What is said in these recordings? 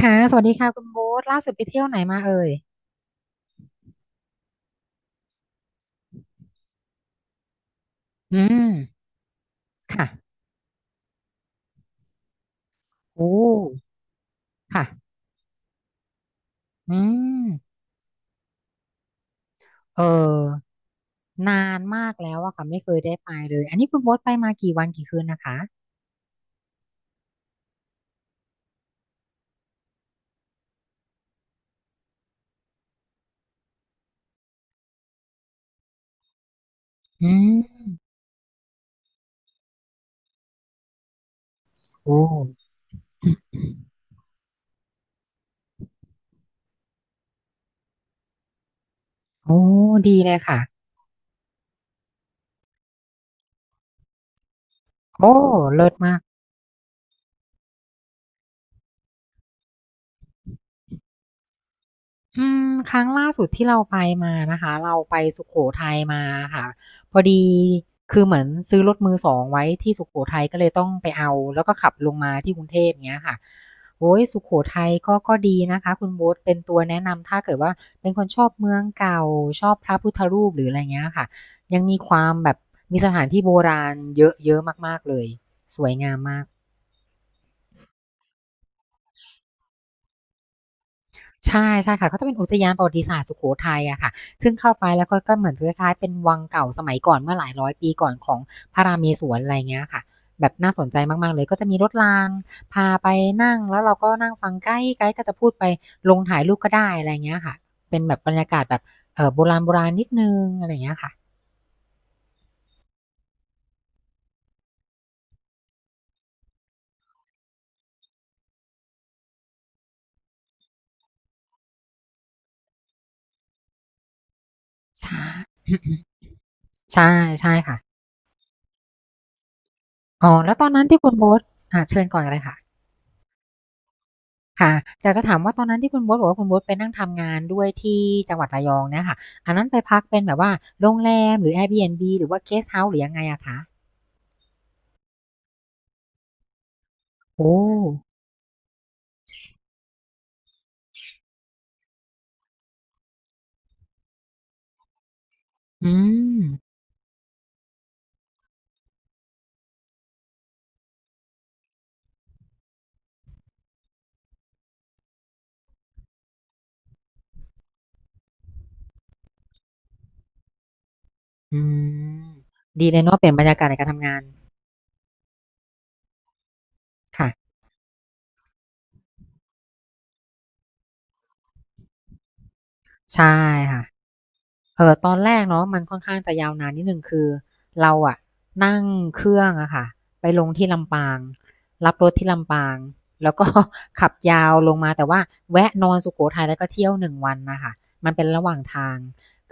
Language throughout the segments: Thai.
ค่ะสวัสดีค่ะคุณโบ๊ทล่าสุดไปเที่ยวไหนมาเอ่ยอืม ค่ะโอ้ค่ะ อืม เออ นานมากแล้วอะค่ะไม่เคยได้ไปเลย อันนี้คุณโบ๊ทไปมากี่วันกี่คืนนะคะ อืม โอ้โอ้ดีเลยค่ะ โอ้ เลิศมาก อืมครั้งล่าสุดที่เราไปมานะคะเราไปสุโขทัยมาค่ะพอดีคือเหมือนซื้อรถมือสองไว้ที่สุโขทัยก็เลยต้องไปเอาแล้วก็ขับลงมาที่กรุงเทพเงี้ยค่ะโอ้ยสุโขทัยก็ดีนะคะคุณโบ๊ทเป็นตัวแนะนำถ้าเกิดว่าเป็นคนชอบเมืองเก่าชอบพระพุทธรูปหรืออะไรเงี้ยค่ะยังมีความแบบมีสถานที่โบราณเยอะเยอะมากๆเลยสวยงามมาก ใช่ใช่ค่ะเขาจะเป็นอุทยานประวัติศาสตร์สุโขทัยอะค่ะซึ่งเข้าไปแล้วก็เหมือนจะคล้ายๆเป็นวังเก่าสมัยก่อนเมื่อหลายร้อยปีก่อนของพระราเมศวรอะไรเงี้ยค่ะแบบน่าสนใจมากๆเลยก็จะมีรถรางพาไปนั่งแล้วเราก็นั่งฟังไกด์ก็จะพูดไปลงถ่ายรูปก็ได้อะไรเงี้ยค่ะเป็นแบบบรรยากาศแบบเออโบราณๆนิดนึงอะไรเงี้ยค่ะใช่ ใช่ใช่ค่ะอ๋อแล้วตอนนั้นที่คุณโบ๊ทอ่าเชิญก่อนเลยค่ะ ค่ะอยากจะถามว่าตอนนั้นที่คุณโบ๊ทบอกว่าคุณโบ๊ทไปนั่งทำงานด้วยที่จังหวัดระยองเนี่ยค่ะอันนั้นไปพักเป็นแบบว่าโรงแรมหรือ Airbnb หรือว่า Guest House หรือยังไงอะคะโอ้อืม อืม ดีเลยเนาะเปลี่ยนบรรยากาศในการทำงาน ค่ะ ใช่ค่ะ ตอนแรกเนาะมันค่อนข้างจะยาวนานนิดหนึ่งคือเราอะนั่งเครื่องอะค่ะไปลงที่ลำปางรับรถที่ลำปางแล้วก็ ขับยาวลงมาแต่ว่าแวะนอนสุโขทัยแล้วก็เที่ยวหนึ่งวันนะคะมันเป็นระหว่างทาง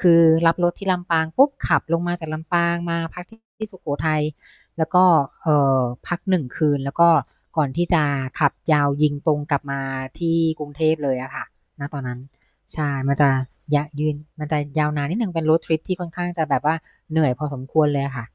คือรับรถที่ลำปางปุ๊บขับลงมาจากลำปางมาพักที่สุโขทัยแล้วก็เอ่อพักหนึ่งคืนแล้วก็ก่อนที่จะขับยาวยิงตรงกลับมาที่กรุงเทพเลยอะค่ะณตอนนั้น ใช่มันจะยะยืนมันจะยาวนานนิดหนึ่งเป็น road trip ที่ค่อนข้างจะแบบว่าเหนื่อยพอสมควรค่ะ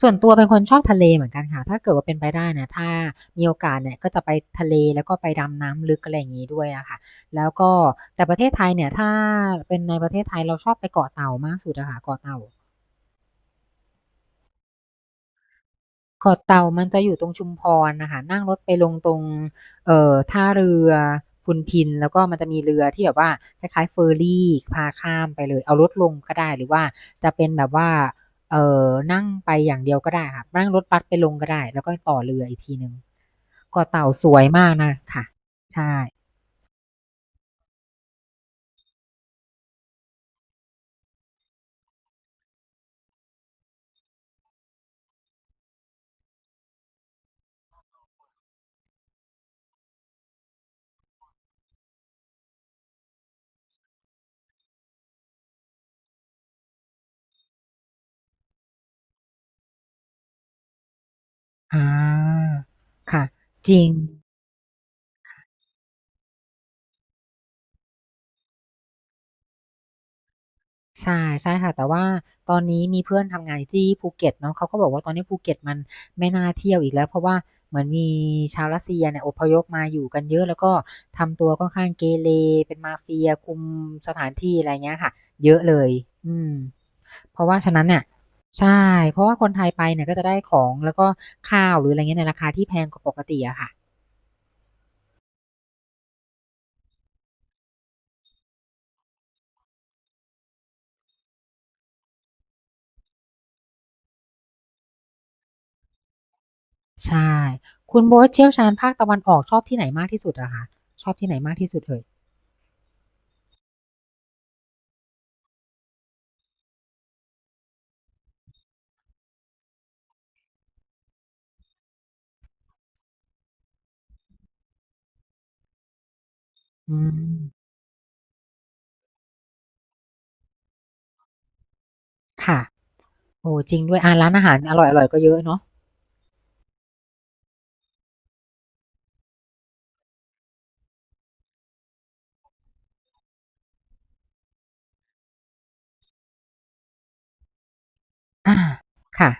ส่วนตัวเป็นคนชอบทะเลเหมือนกันค่ะถ้าเกิดว่าเป็นไปได้นะถ้ามีโอกาสเนี่ยก็จะไปทะเลแล้วก็ไปดำน้ำลึกอะไรอย่างนี้ด้วยอะค่ะแล้วก็แต่ประเทศไทยเนี่ยถ้าเป็นในประเทศไทยเราชอบไปเกาะเต่ามากสุดอะค่ะเกาะเต่า เกาะเต่ามันจะอยู่ตรงชุมพรนะคะนั่งรถไปลงตรงท่าเรือพุนพินแล้วก็มันจะมีเรือที่แบบว่าคล้ายคลายเฟอร์รี่พาข้ามไปเลยเอารถลงก็ได้หรือว่าจะเป็นแบบว่าเอ่อนั่งไปอย่างเดียวก็ได้ค่ะนั่งรถบัสไปลงก็ได้แล้วก็ต่อเรืออีกทีหนึ่งเกาะเต่าสวยมากนะค่ะใช่อาค่ะจริง ใช่ใช่ค่ะแต่ว่าตอนนี้มีเพื่อนทำงานอยู่ที่ภูเก็ตเนาะเขาก็บอกว่าตอนนี้ภูเก็ตมันไม่น่าเที่ยวอีกแล้วเพราะว่าเหมือนมีชาวรัสเซียเนี่ยอพยพมาอยู่กันเยอะแล้วก็ทำตัวค่อนข้างเกเรเป็นมาเฟียคุมสถานที่อะไรเงี้ยค่ะเยอะเลยอืมเพราะว่าฉะนั้นเนี่ยใช่เพราะว่าคนไทยไปเนี่ยก็จะได้ของแล้วก็ข้าวหรืออะไรเงี้ยในราคาที่แพงกว่าปกติอะค่ะใช่คุณโบ๊ทเชี่ยวชาญภาคตะวันออกชอบที่ไหนมากที่สุดอะคะชอบที่ไหนมากที่สุดเอ่ยอืมค่ะ โอ้จริงด้วยอ่าร้านอาหารอร่อยๆก็เยอะเนาะอาค่ะ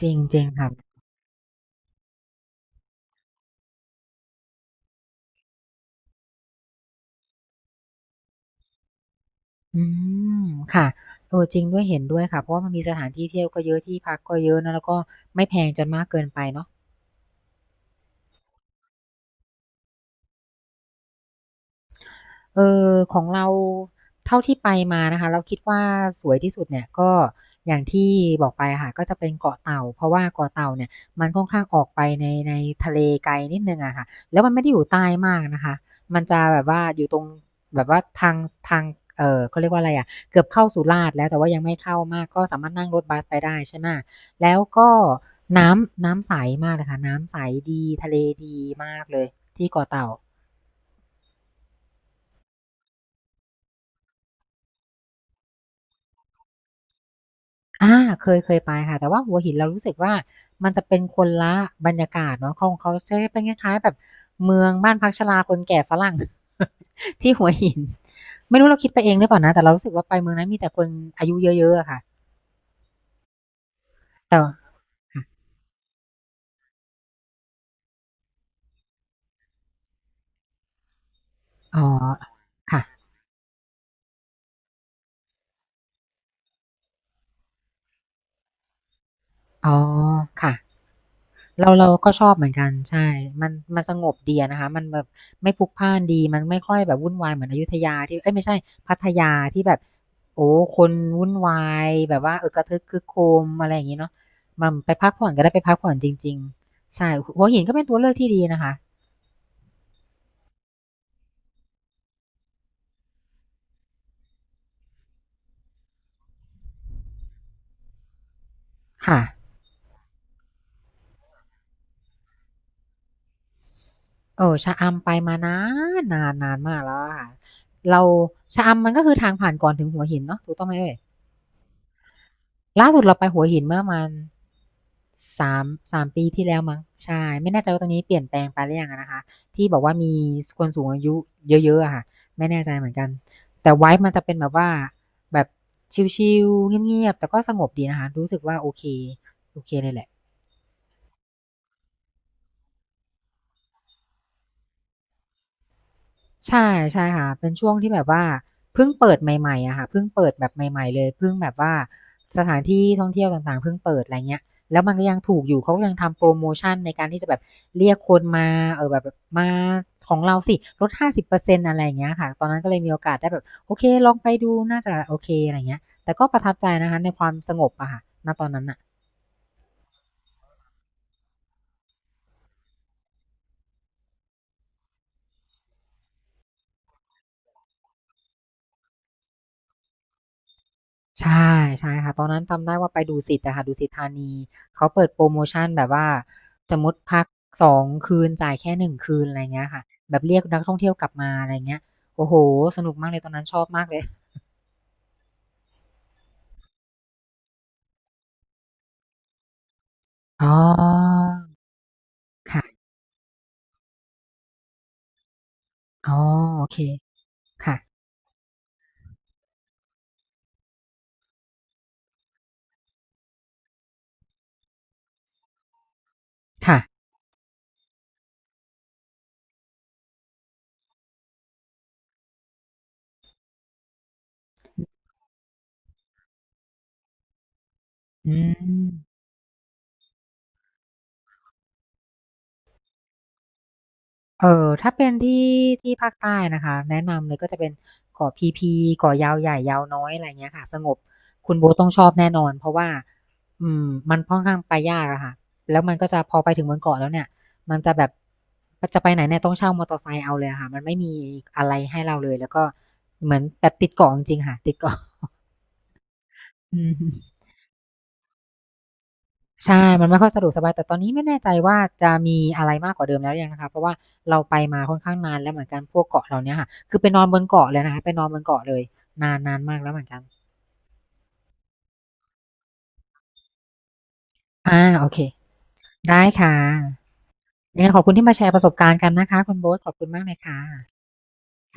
จริงจริงค่ะอืมค่ะเออจริงด้วยเห็นด้วยค่ะเพราะว่ามันมีสถานที่เที่ยวก็เยอะที่พักก็เยอะนะแล้วก็ไม่แพงจนมากเกินไปเนาะ เออของเราเท่าที่ไปมานะคะเราคิดว่าสวยที่สุดเนี่ยก็อย่างที่บอกไปอะค่ะก็จะเป็นเกาะเต่าเพราะว่าเกาะเต่าเนี่ยมันค่อนข้างออกไปในทะเลไกลนิดนึงอะค่ะแล้วมันไม่ได้อยู่ใต้มากนะคะมันจะแบบว่าอยู่ตรงแบบว่าทางทางเออเขาเรียกว่าอะไรอะเกือบเข้าสุราษฎร์แล้วแต่ว่ายังไม่เข้ามากก็สามารถนั่งรถบัสไปได้ใช่ไหมแล้วก็น้ำใสมากเลยค่ะน้ำใสดีทะเลดีมากเลยที่เกาะเต่า อาเคยเคยไปค่ะแต่ว่าหัวหินเรารู้สึกว่ามันจะเป็นคนละบรรยากาศเนาะของเขาจะเป็นคล้ายๆแบบเมืองบ้านพักชราคนแก่ฝรั่ง ที่หัวหินไม่รู้เราคิดไปเองหรือเปล่านะแต่เรารู้สึกว่าไปเมืองนั้นมีแต่คนอายุเยอะๆอะค่ะแต่ว่าค่ะอ๋อค่ะอ๋อค่ะ เราก็ชอบเหมือนกันใช่มันสงบดีอะนะคะมันแบบไม่พลุกพล่านดี มันไม่ค่อยแบบวุ่นวายเหมือนอยุธยาที่เอ้ยไม่ใช่พัทยาที่แบบโอ้คนวุ่นวายแบบว่ากระทึกครึกโครมอะไรอย่างงี้เนาะมันไปพักผ่อนก็ได้ไปพักผ่อนจริงๆใช่หัวหินก็เป็นตัวเลือกที่ดีนะคะค่ะชะอำไปมานานนานนานมากแล้วอะค่ะเราชะอำมันก็คือทางผ่านก่อนถึงหัวหินเนาะถูกต้องไหมเอ่ย ล่าสุดเราไปหัวหินเมื่อมานสามสามปีที่แล้วมั้งใช่ไม่แน่ใจว่าตรงนี้เปลี่ยนแปลงไปหรือยังอะนะคะที่บอกว่ามีคนสูงอายุเยอะๆอะค่ะไม่แน่ใจเหมือนกันแต่ไว้มันจะเป็นแบบว่าแบบชิลๆเงียบๆแต่ก็สงบดีนะคะรู้สึกว่าโอเคโอเคเลยแหละ ใช่ใช่ค่ะเป็นช่วงที่แบบว่าเพิ่งเปิดใหม่ๆอะค่ะเพิ่งเปิดแบบใหม่ๆเลยเพิ่งแบบว่าสถานที่ท่องเที่ยวต่างๆเพิ่งเปิดอะไรเงี้ยแล้วมันก็ยังถูกอยู่เขาก็ยังทำโพรโมชันในการที่จะแบบเรียกคนมาแบบมาของเราสิลด50%อร์เซ็นต์อะไรอย่างเงี้ยค่ะตอนนั้นก็เลยมีโอกาสได้แบบโอเคลองไปดูน่าจะโอเคอะไรเงี้ยแต่ก็ประทับใจนะคะในความสงบอะค่ะณตอนนั้นน่ะ ใช่ใช่ค่ะตอนนั้นจำได้ว่าไปดุสิตอะค่ะดุสิตธานีเขาเปิดโพรโมชันแบบว่าสมมุติพัก2 คืนจ่ายแค่1 คืนอะไรเงี้ยค่ะแบบเรียกนักท่องเที่ยวกลับมาอะไรเงี้ยโอ้โฮสนุกมากเลยตอนนั้นชอบมากเลยอ๋อค่ะอ๋อโอเคค่ะค่ะอืม ถ้าเป็นที่ที่ภาคใต้นะคะแนะนำเลยก็จะเป็นเกาะพีพีเกาะยาวใหญ่ยาวน้อยอะไรอย่างเงี้ยค่ะสงบคุณโบ๊ทต้องชอบแน่นอนเพราะว่าอืมมันค่อนข้างไปยากอะค่ะแล้วมันก็จะพอไปถึงบนเกาะแล้วเนี่ยมันจะแบบจะไปไหนเนี่ยต้องเช่ามอเตอร์ไซค์เอาเลยอะค่ะมันไม่มีอะไรให้เราเลยแล้วก็เหมือนแบบติดเกาะจริงๆค่ะติดเกาะ อืม ใช่มันไม่ค่อยสะดวกสบายแต่ตอนนี้ไม่แน่ใจว่าจะมีอะไรมากกว่าเดิมแล้วหรือยังนะคะเพราะว่าเราไปมาค่อนข้างนานแล้วเหมือนกันพวกเกาะเหล่าเนี้ยค่ะคือไปนอนบนเกาะเลยนะคะไปนอนบนเกาะเลยอาโอเคได้ค่ะยังไงขอบคุณที่มาแชร์ประสบการณ์กันนะคะคุณโบ๊ทขอบคุณมากเลยค่ะ